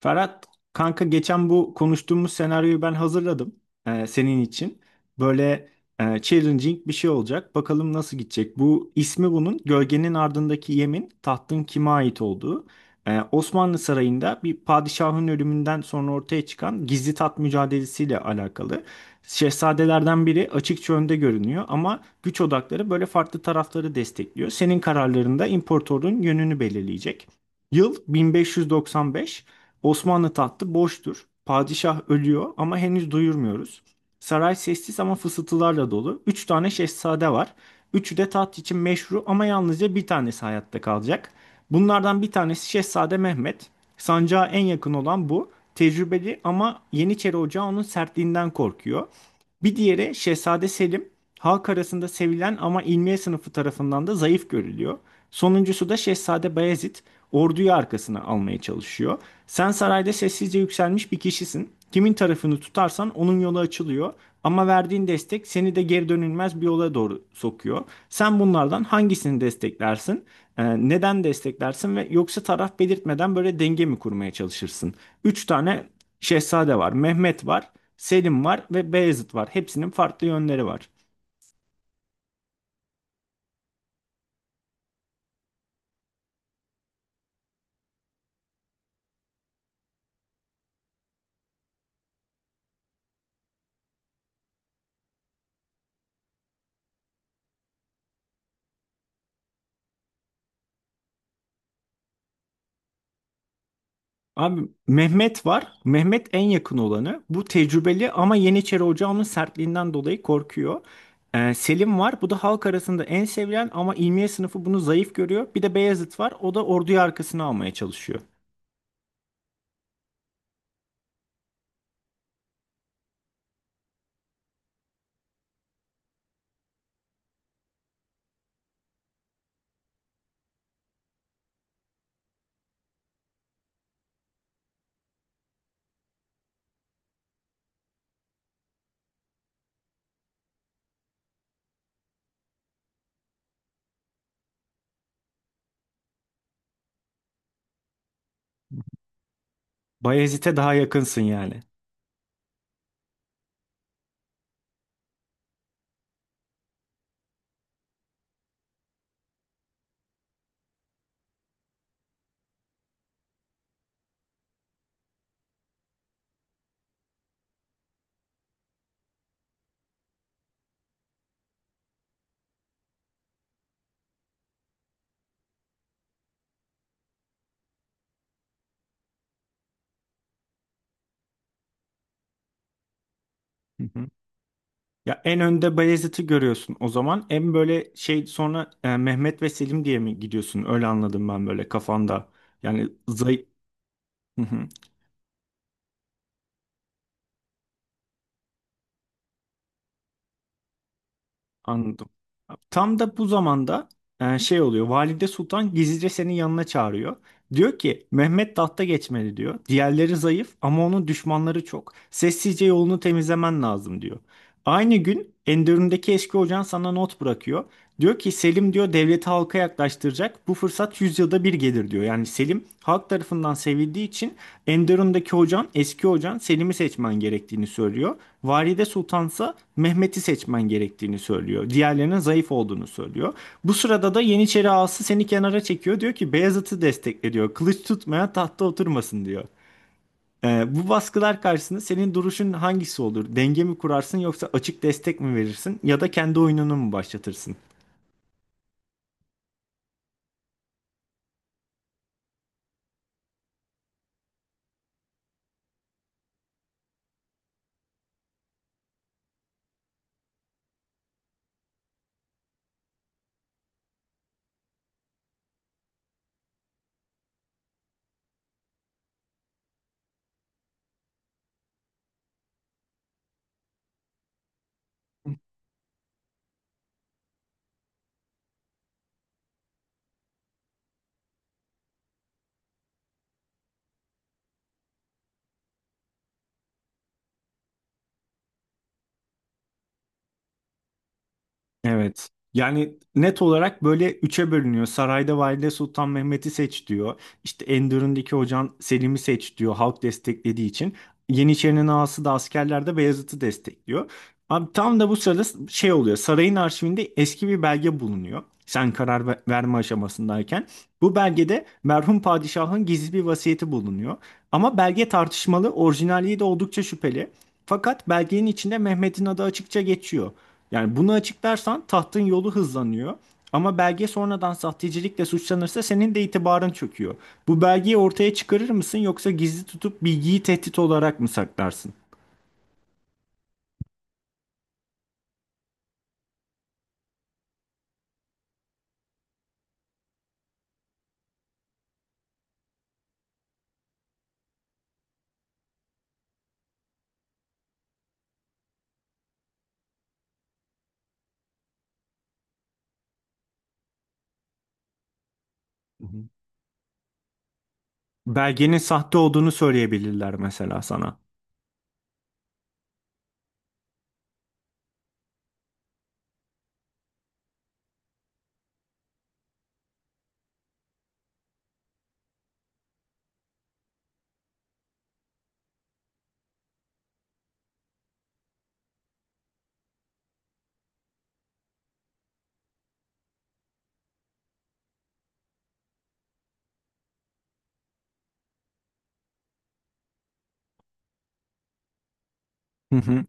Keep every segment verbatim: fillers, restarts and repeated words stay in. Ferhat kanka geçen bu konuştuğumuz senaryoyu ben hazırladım e, senin için. Böyle e, challenging bir şey olacak. Bakalım nasıl gidecek. Bu ismi bunun Gölgenin Ardındaki Yemin tahtın kime ait olduğu. E, Osmanlı Sarayı'nda bir padişahın ölümünden sonra ortaya çıkan gizli taht mücadelesiyle alakalı. Şehzadelerden biri açıkça önde görünüyor ama güç odakları böyle farklı tarafları destekliyor. Senin kararlarında imparatorun yönünü belirleyecek. Yıl bin beş yüz doksan beş. Osmanlı tahtı boştur. Padişah ölüyor ama henüz duyurmuyoruz. Saray sessiz ama fısıltılarla dolu. Üç tane şehzade var. Üçü de taht için meşru ama yalnızca bir tanesi hayatta kalacak. Bunlardan bir tanesi Şehzade Mehmet. Sancağa en yakın olan bu. Tecrübeli ama Yeniçeri Ocağı onun sertliğinden korkuyor. Bir diğeri Şehzade Selim, halk arasında sevilen ama ilmiye sınıfı tarafından da zayıf görülüyor. Sonuncusu da Şehzade Bayezid, orduyu arkasına almaya çalışıyor. Sen sarayda sessizce yükselmiş bir kişisin. Kimin tarafını tutarsan onun yolu açılıyor. Ama verdiğin destek seni de geri dönülmez bir yola doğru sokuyor. Sen bunlardan hangisini desteklersin? Ee, neden desteklersin ve yoksa taraf belirtmeden böyle denge mi kurmaya çalışırsın? Üç tane şehzade var. Mehmet var. Selim var ve Beyazıt var. Hepsinin farklı yönleri var. Abi Mehmet var. Mehmet en yakın olanı. Bu tecrübeli ama Yeniçeri Ocağı'nın sertliğinden dolayı korkuyor. Ee, Selim var. Bu da halk arasında en sevilen ama ilmiye sınıfı bunu zayıf görüyor. Bir de Beyazıt var. O da orduyu arkasına almaya çalışıyor. Bayezid'e daha yakınsın yani. Hı hı. Ya en önde Bayezid'i görüyorsun o zaman. En böyle şey sonra e, Mehmet ve Selim diye mi gidiyorsun? Öyle anladım ben böyle kafanda. Yani zayıf. Anladım. Tam da bu zamanda e, şey oluyor. Valide Sultan gizlice senin yanına çağırıyor. Diyor ki Mehmet tahta geçmeli diyor. Diğerleri zayıf ama onun düşmanları çok. Sessizce yolunu temizlemen lazım diyor. Aynı gün Enderun'daki eski hocan sana not bırakıyor. Diyor ki Selim diyor devleti halka yaklaştıracak. Bu fırsat yüzyılda bir gelir diyor. Yani Selim halk tarafından sevildiği için Enderun'daki hocan, eski hocan Selim'i seçmen gerektiğini söylüyor. Valide Sultansa Mehmet'i seçmen gerektiğini söylüyor. Diğerlerinin zayıf olduğunu söylüyor. Bu sırada da Yeniçeri ağası seni kenara çekiyor. Diyor ki Beyazıt'ı destekle diyor. Kılıç tutmayan tahta oturmasın diyor. Ee, bu baskılar karşısında senin duruşun hangisi olur? Denge mi kurarsın yoksa açık destek mi verirsin ya da kendi oyununu mu başlatırsın? Evet. Yani net olarak böyle üçe bölünüyor. Sarayda Valide Sultan Mehmet'i seç diyor. İşte Enderun'daki hocan Selim'i seç diyor halk desteklediği için. Yeniçerinin ağası da askerlerde Beyazıt'ı destekliyor. Abi tam da bu sırada şey oluyor. Sarayın arşivinde eski bir belge bulunuyor. Sen karar ver- verme aşamasındayken. Bu belgede merhum padişahın gizli bir vasiyeti bulunuyor. Ama belge tartışmalı, orijinalliği de oldukça şüpheli. Fakat belgenin içinde Mehmet'in adı açıkça geçiyor. Yani bunu açıklarsan tahtın yolu hızlanıyor. Ama belge sonradan sahtecilikle suçlanırsa senin de itibarın çöküyor. Bu belgeyi ortaya çıkarır mısın yoksa gizli tutup bilgiyi tehdit olarak mı saklarsın? Hı hı. Belgenin sahte olduğunu söyleyebilirler mesela sana. Hı hı.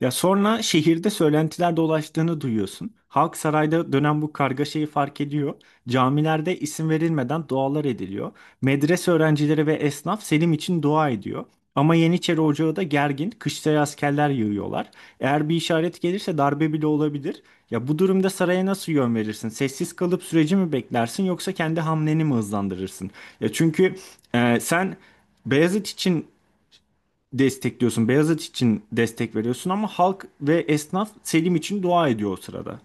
Ya sonra şehirde söylentiler dolaştığını duyuyorsun. Halk sarayda dönen bu kargaşayı fark ediyor. Camilerde isim verilmeden dualar ediliyor. Medrese öğrencileri ve esnaf Selim için dua ediyor. Ama Yeniçeri Ocağı da gergin, kışlaya askerler yığıyorlar. Eğer bir işaret gelirse darbe bile olabilir. Ya bu durumda saraya nasıl yön verirsin? Sessiz kalıp süreci mi beklersin yoksa kendi hamleni mi hızlandırırsın? Ya çünkü e, sen Beyazıt için destekliyorsun. Beyazıt için destek veriyorsun ama halk ve esnaf Selim için dua ediyor o sırada.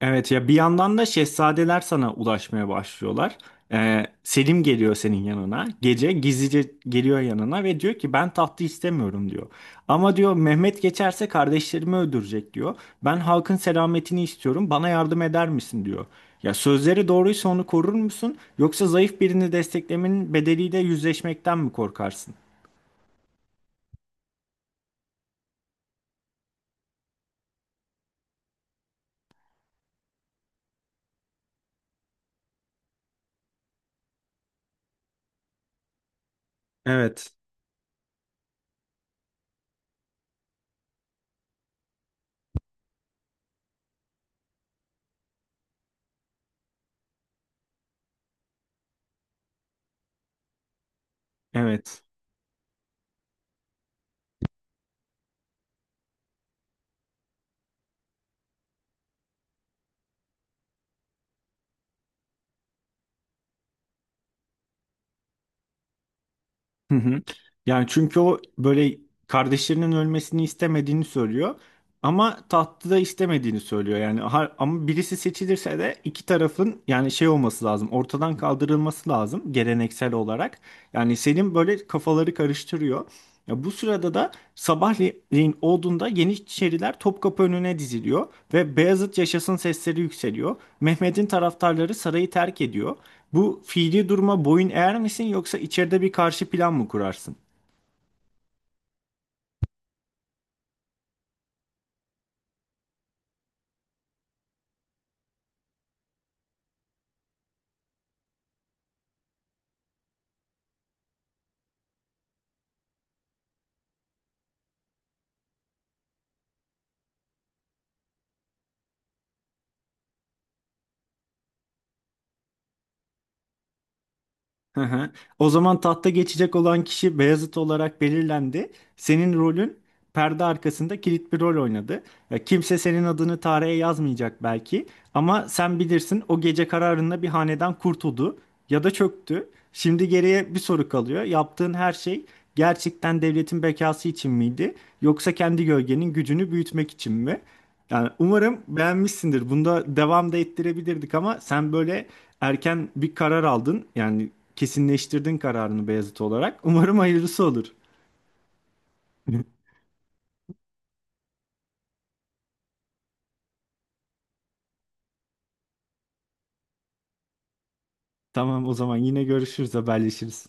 Evet ya bir yandan da şehzadeler sana ulaşmaya başlıyorlar. Ee, Selim geliyor senin yanına. Gece gizlice geliyor yanına ve diyor ki ben tahtı istemiyorum diyor. Ama diyor Mehmet geçerse kardeşlerimi öldürecek diyor. Ben halkın selametini istiyorum. Bana yardım eder misin diyor. Ya sözleri doğruysa onu korur musun? Yoksa zayıf birini desteklemenin bedeliyle yüzleşmekten mi korkarsın? Evet. Evet. Hı hı. Yani çünkü o böyle kardeşlerinin ölmesini istemediğini söylüyor ama tahtı da istemediğini söylüyor. Yani har- ama birisi seçilirse de iki tarafın yani şey olması lazım. Ortadan kaldırılması lazım geleneksel olarak. Yani Selim böyle kafaları karıştırıyor. Ya bu sırada da sabahleyin olduğunda Yeniçeriler Topkapı önüne diziliyor ve Beyazıt yaşasın sesleri yükseliyor. Mehmet'in taraftarları sarayı terk ediyor. Bu fiili duruma boyun eğer misin yoksa içeride bir karşı plan mı kurarsın? Hı hı. O zaman tahta geçecek olan kişi Beyazıt olarak belirlendi. Senin rolün perde arkasında kilit bir rol oynadı. Ya, kimse senin adını tarihe yazmayacak belki ama sen bilirsin o gece kararında bir hanedan kurtuldu ya da çöktü. Şimdi geriye bir soru kalıyor. Yaptığın her şey gerçekten devletin bekası için miydi yoksa kendi gölgenin gücünü büyütmek için mi? Yani umarım beğenmişsindir. Bunda devam da ettirebilirdik ama sen böyle erken bir karar aldın. Yani kesinleştirdin kararını Beyazıt olarak. Umarım hayırlısı olur. Tamam o zaman yine görüşürüz, haberleşiriz.